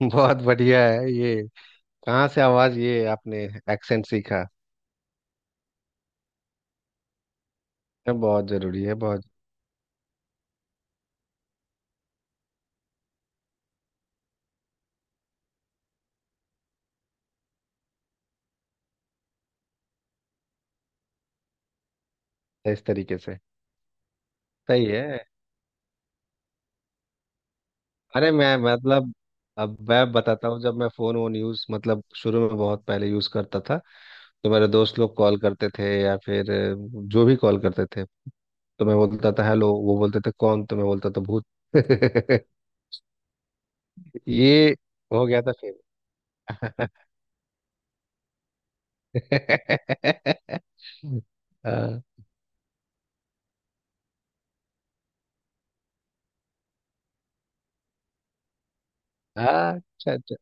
बहुत बढ़िया है ये। कहाँ से आवाज ये आपने एक्सेंट सीखा। ये बहुत जरूरी है बहुत। इस तरीके से। सही है। अरे मैं मतलब। अब मैं बताता हूँ जब मैं फोन वोन यूज मतलब शुरू में बहुत पहले यूज करता था। तो मेरे दोस्त लोग कॉल करते थे या फिर जो भी कॉल करते थे। तो मैं बोलता था हेलो, वो बोलते थे कौन, तो मैं बोलता था भूत। ये हो गया था फिर। हाँ। हाँ, अच्छा अच्छा।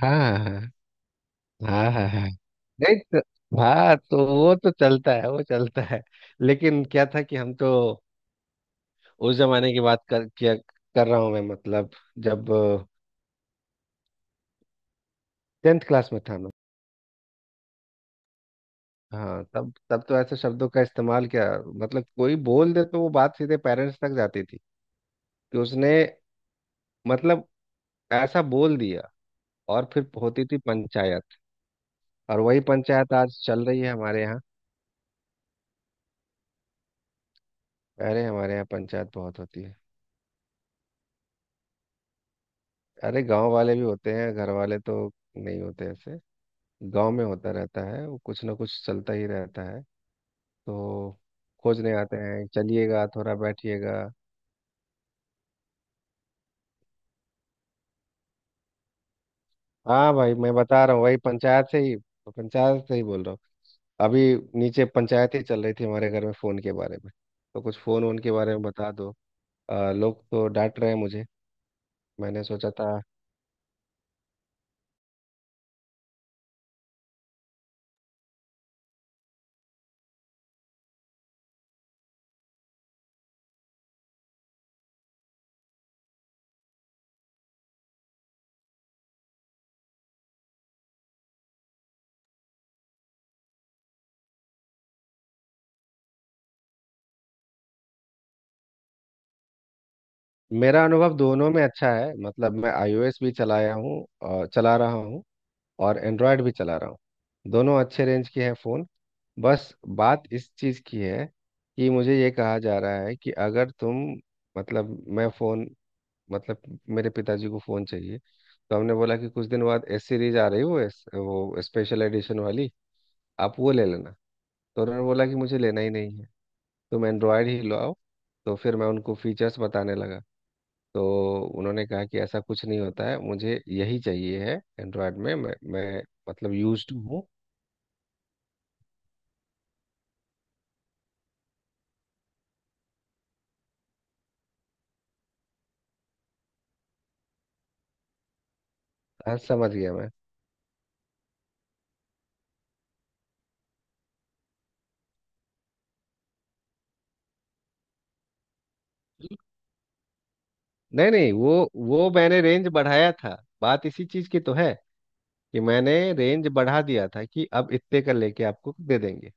हाँ हाँ हाँ। हाँ हाँ हाँ। नहीं तो। हाँ तो वो तो चलता है वो चलता है, लेकिन क्या था कि हम तो उस जमाने की बात कर रहा हूँ मैं, मतलब जब 10th क्लास में था मैं। हाँ तब तब तो ऐसे शब्दों का इस्तेमाल क्या। मतलब कोई बोल दे तो वो बात सीधे पेरेंट्स तक जाती थी कि उसने मतलब ऐसा बोल दिया। और फिर होती थी पंचायत। और वही पंचायत आज चल रही है हमारे यहाँ। अरे हमारे यहाँ पंचायत बहुत होती है। अरे गांव वाले भी होते हैं, घर वाले तो नहीं होते ऐसे। गांव में होता रहता है, वो कुछ ना कुछ चलता ही रहता है तो। खोजने आते हैं, चलिएगा थोड़ा बैठिएगा। हाँ भाई, मैं बता रहा हूँ वही पंचायत से ही, पंचायत से ही बोल रहा हूँ। अभी नीचे पंचायत ही चल रही थी हमारे घर में फ़ोन के बारे में। तो कुछ फ़ोन वोन के बारे में बता दो। लोग तो डांट रहे हैं मुझे। मैंने सोचा था। मेरा अनुभव दोनों में अच्छा है, मतलब मैं iOS भी चलाया हूँ और चला रहा हूँ। और एंड्रॉयड भी चला रहा हूँ। दोनों अच्छे रेंज के हैं फ़ोन। बस बात इस चीज़ की है कि मुझे ये कहा जा रहा है कि अगर तुम, मतलब मैं फ़ोन, मतलब मेरे पिताजी को फ़ोन चाहिए। तो हमने बोला कि कुछ दिन बाद एस सीरीज आ रही है, वो एस, वो स्पेशल एडिशन वाली। आप वो ले लेना। तो उन्होंने बोला कि मुझे लेना ही नहीं है। तुम एंड्रॉयड ही लो आओ। तो फिर मैं उनको फीचर्स बताने लगा। तो उन्होंने कहा कि ऐसा कुछ नहीं होता है, मुझे यही चाहिए है एंड्रॉयड में, मैं मतलब यूज्ड हूँ। हाँ समझ गया मैं। नहीं नहीं, वो मैंने रेंज बढ़ाया था। बात इसी चीज की तो है कि मैंने रेंज बढ़ा दिया था कि अब इतने का लेके आपको दे देंगे।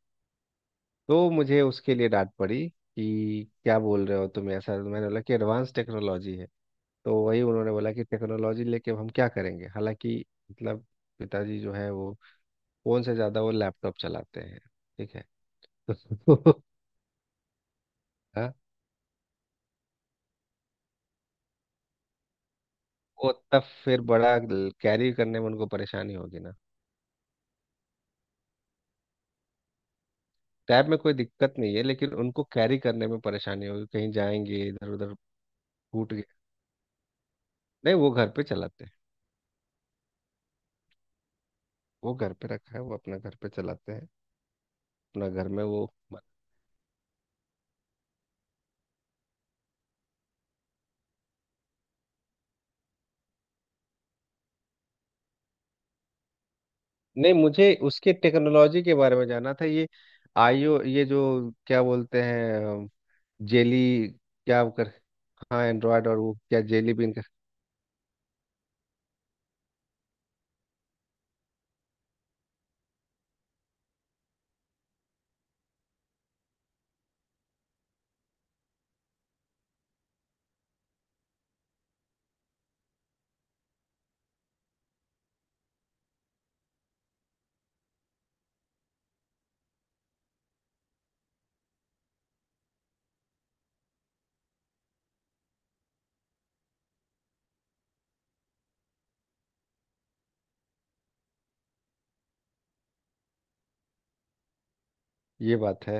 तो मुझे उसके लिए डांट पड़ी कि क्या बोल रहे हो तुम ऐसा, तो मैंने बोला कि एडवांस टेक्नोलॉजी है। तो वही उन्होंने बोला कि टेक्नोलॉजी लेके अब हम क्या करेंगे, हालांकि मतलब पिताजी जो है वो फोन से ज्यादा वो लैपटॉप चलाते हैं। ठीक है। हाँ। वो तब फिर बड़ा कैरी करने में उनको परेशानी होगी ना। टैब में कोई दिक्कत नहीं है, लेकिन उनको कैरी करने में परेशानी होगी, कहीं जाएंगे इधर उधर टूट गए। नहीं, वो घर पे चलाते हैं। वो घर पे रखा है, वो अपना घर पे चलाते हैं, अपना घर में वो। नहीं, मुझे उसके टेक्नोलॉजी के बारे में जानना था ये। आईओ, ये जो क्या बोलते हैं जेली क्या कर। हाँ एंड्रॉयड, और वो क्या जेली बीन का। ये बात है।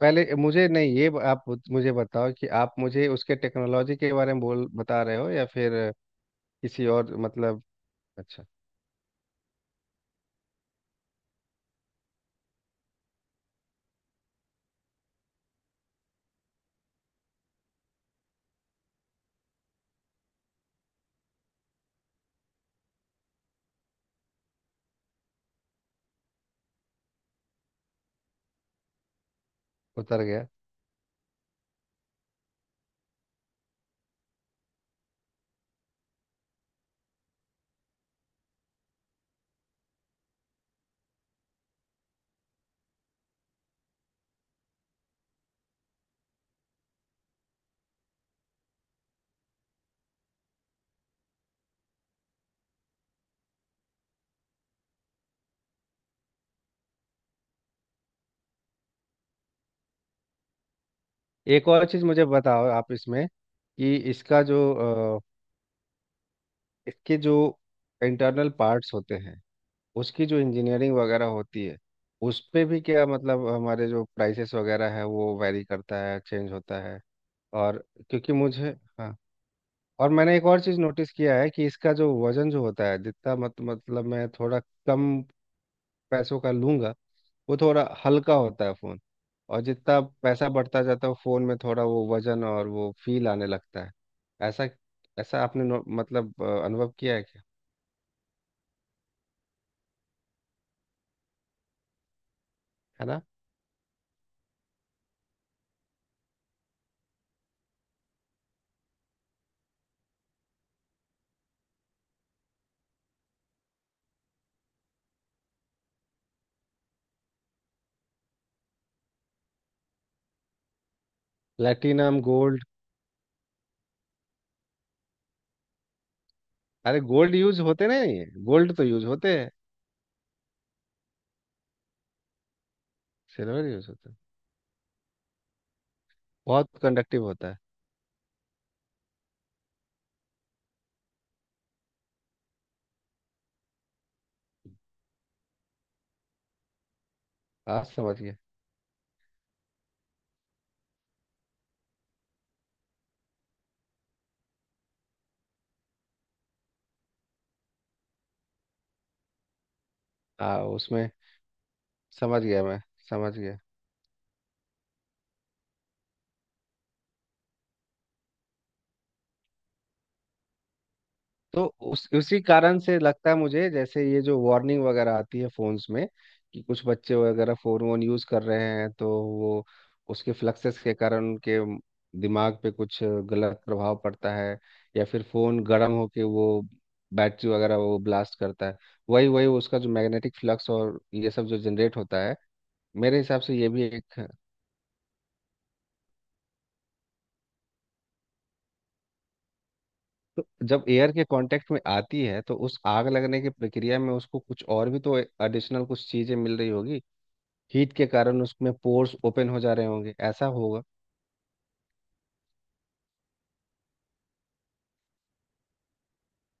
पहले मुझे नहीं, ये आप मुझे बताओ कि आप मुझे उसके टेक्नोलॉजी के बारे में बोल बता रहे हो या फिर किसी और, मतलब। अच्छा। उतर गया। एक और चीज़ मुझे बताओ आप इसमें कि इसका जो अ, इसके जो इंटरनल पार्ट्स होते हैं, उसकी जो इंजीनियरिंग वगैरह होती है, उस पे भी क्या, मतलब हमारे जो प्राइसेस वगैरह है वो वैरी करता है, चेंज होता है। और क्योंकि मुझे। हाँ। और मैंने एक और चीज़ नोटिस किया है कि इसका जो वज़न जो होता है, जितना मत मतलब मैं थोड़ा कम पैसों का लूंगा, वो थोड़ा हल्का होता है फ़ोन। और जितना पैसा बढ़ता जाता है फ़ोन में, थोड़ा वो वजन और वो फील आने लगता है। ऐसा ऐसा आपने अनुभव किया है क्या। है ना। Platinum gold. अरे गोल्ड यूज होते नहीं, गोल्ड तो यूज होते हैं। सिल्वर यूज होते हैं। बहुत कंडक्टिव होता है। आज समझ गया। हाँ उसमें। समझ गया मैं। समझ गया। तो उस उसी कारण से लगता है मुझे, जैसे ये जो वार्निंग वगैरह आती है फोन्स में कि कुछ बच्चे वगैरह फोन वोन यूज कर रहे हैं तो वो उसके फ्लक्सेस के कारण उनके दिमाग पे कुछ गलत प्रभाव पड़ता है, या फिर फोन गर्म होके वो बैटरी वगैरह वो ब्लास्ट करता है। वही वही उसका जो मैग्नेटिक फ्लक्स और ये सब जो जनरेट होता है। मेरे हिसाब से ये भी एक। तो जब एयर के कांटेक्ट में आती है तो उस आग लगने की प्रक्रिया में उसको कुछ और भी तो एडिशनल कुछ चीजें मिल रही होगी। हीट के कारण उसमें पोर्स ओपन हो जा रहे होंगे, ऐसा होगा।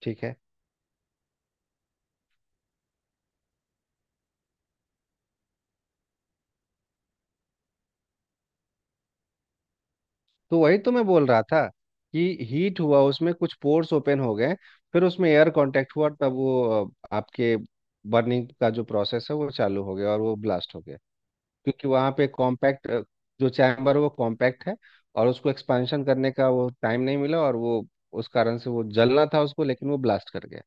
ठीक है। तो वही तो मैं बोल रहा था कि हीट हुआ, उसमें कुछ पोर्स ओपन हो गए। फिर उसमें एयर कांटेक्ट हुआ, तब वो आपके बर्निंग का जो प्रोसेस है वो चालू हो गया और वो ब्लास्ट हो गया। क्योंकि वहाँ पे कॉम्पैक्ट जो चैम्बर है वो कॉम्पैक्ट है, और उसको एक्सपेंशन करने का वो टाइम नहीं मिला, और वो उस कारण से वो जलना था उसको, लेकिन वो ब्लास्ट कर गया।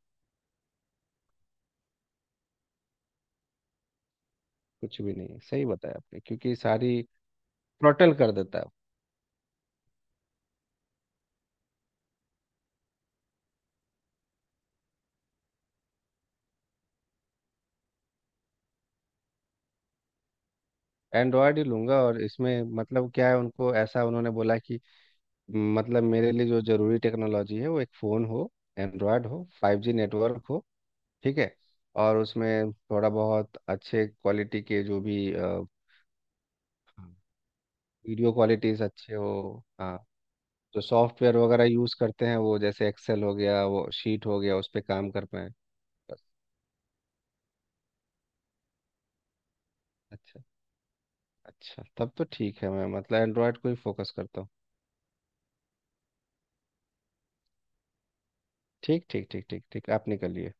कुछ भी नहीं, सही बताया आपने, क्योंकि सारी थ्रॉटल कर देता है। एंड्रॉयड ही लूंगा, और इसमें मतलब क्या है, उनको ऐसा उन्होंने बोला कि, "मतलब मेरे लिए जो ज़रूरी टेक्नोलॉजी है वो एक फ़ोन हो, एंड्रॉयड हो, 5G नेटवर्क हो, ठीक है, और उसमें थोड़ा बहुत अच्छे क्वालिटी के जो भी वीडियो क्वालिटीज़ अच्छे हो।" हाँ जो सॉफ्टवेयर वगैरह यूज़ करते हैं वो जैसे एक्सेल हो गया, वो शीट हो गया, उस पर काम कर पाए। बस। अच्छा। अच्छा तब तो ठीक है, मैं मतलब एंड्रॉयड को ही फोकस करता हूँ। ठीक ठीक ठीक ठीक ठीक, आप निकलिए।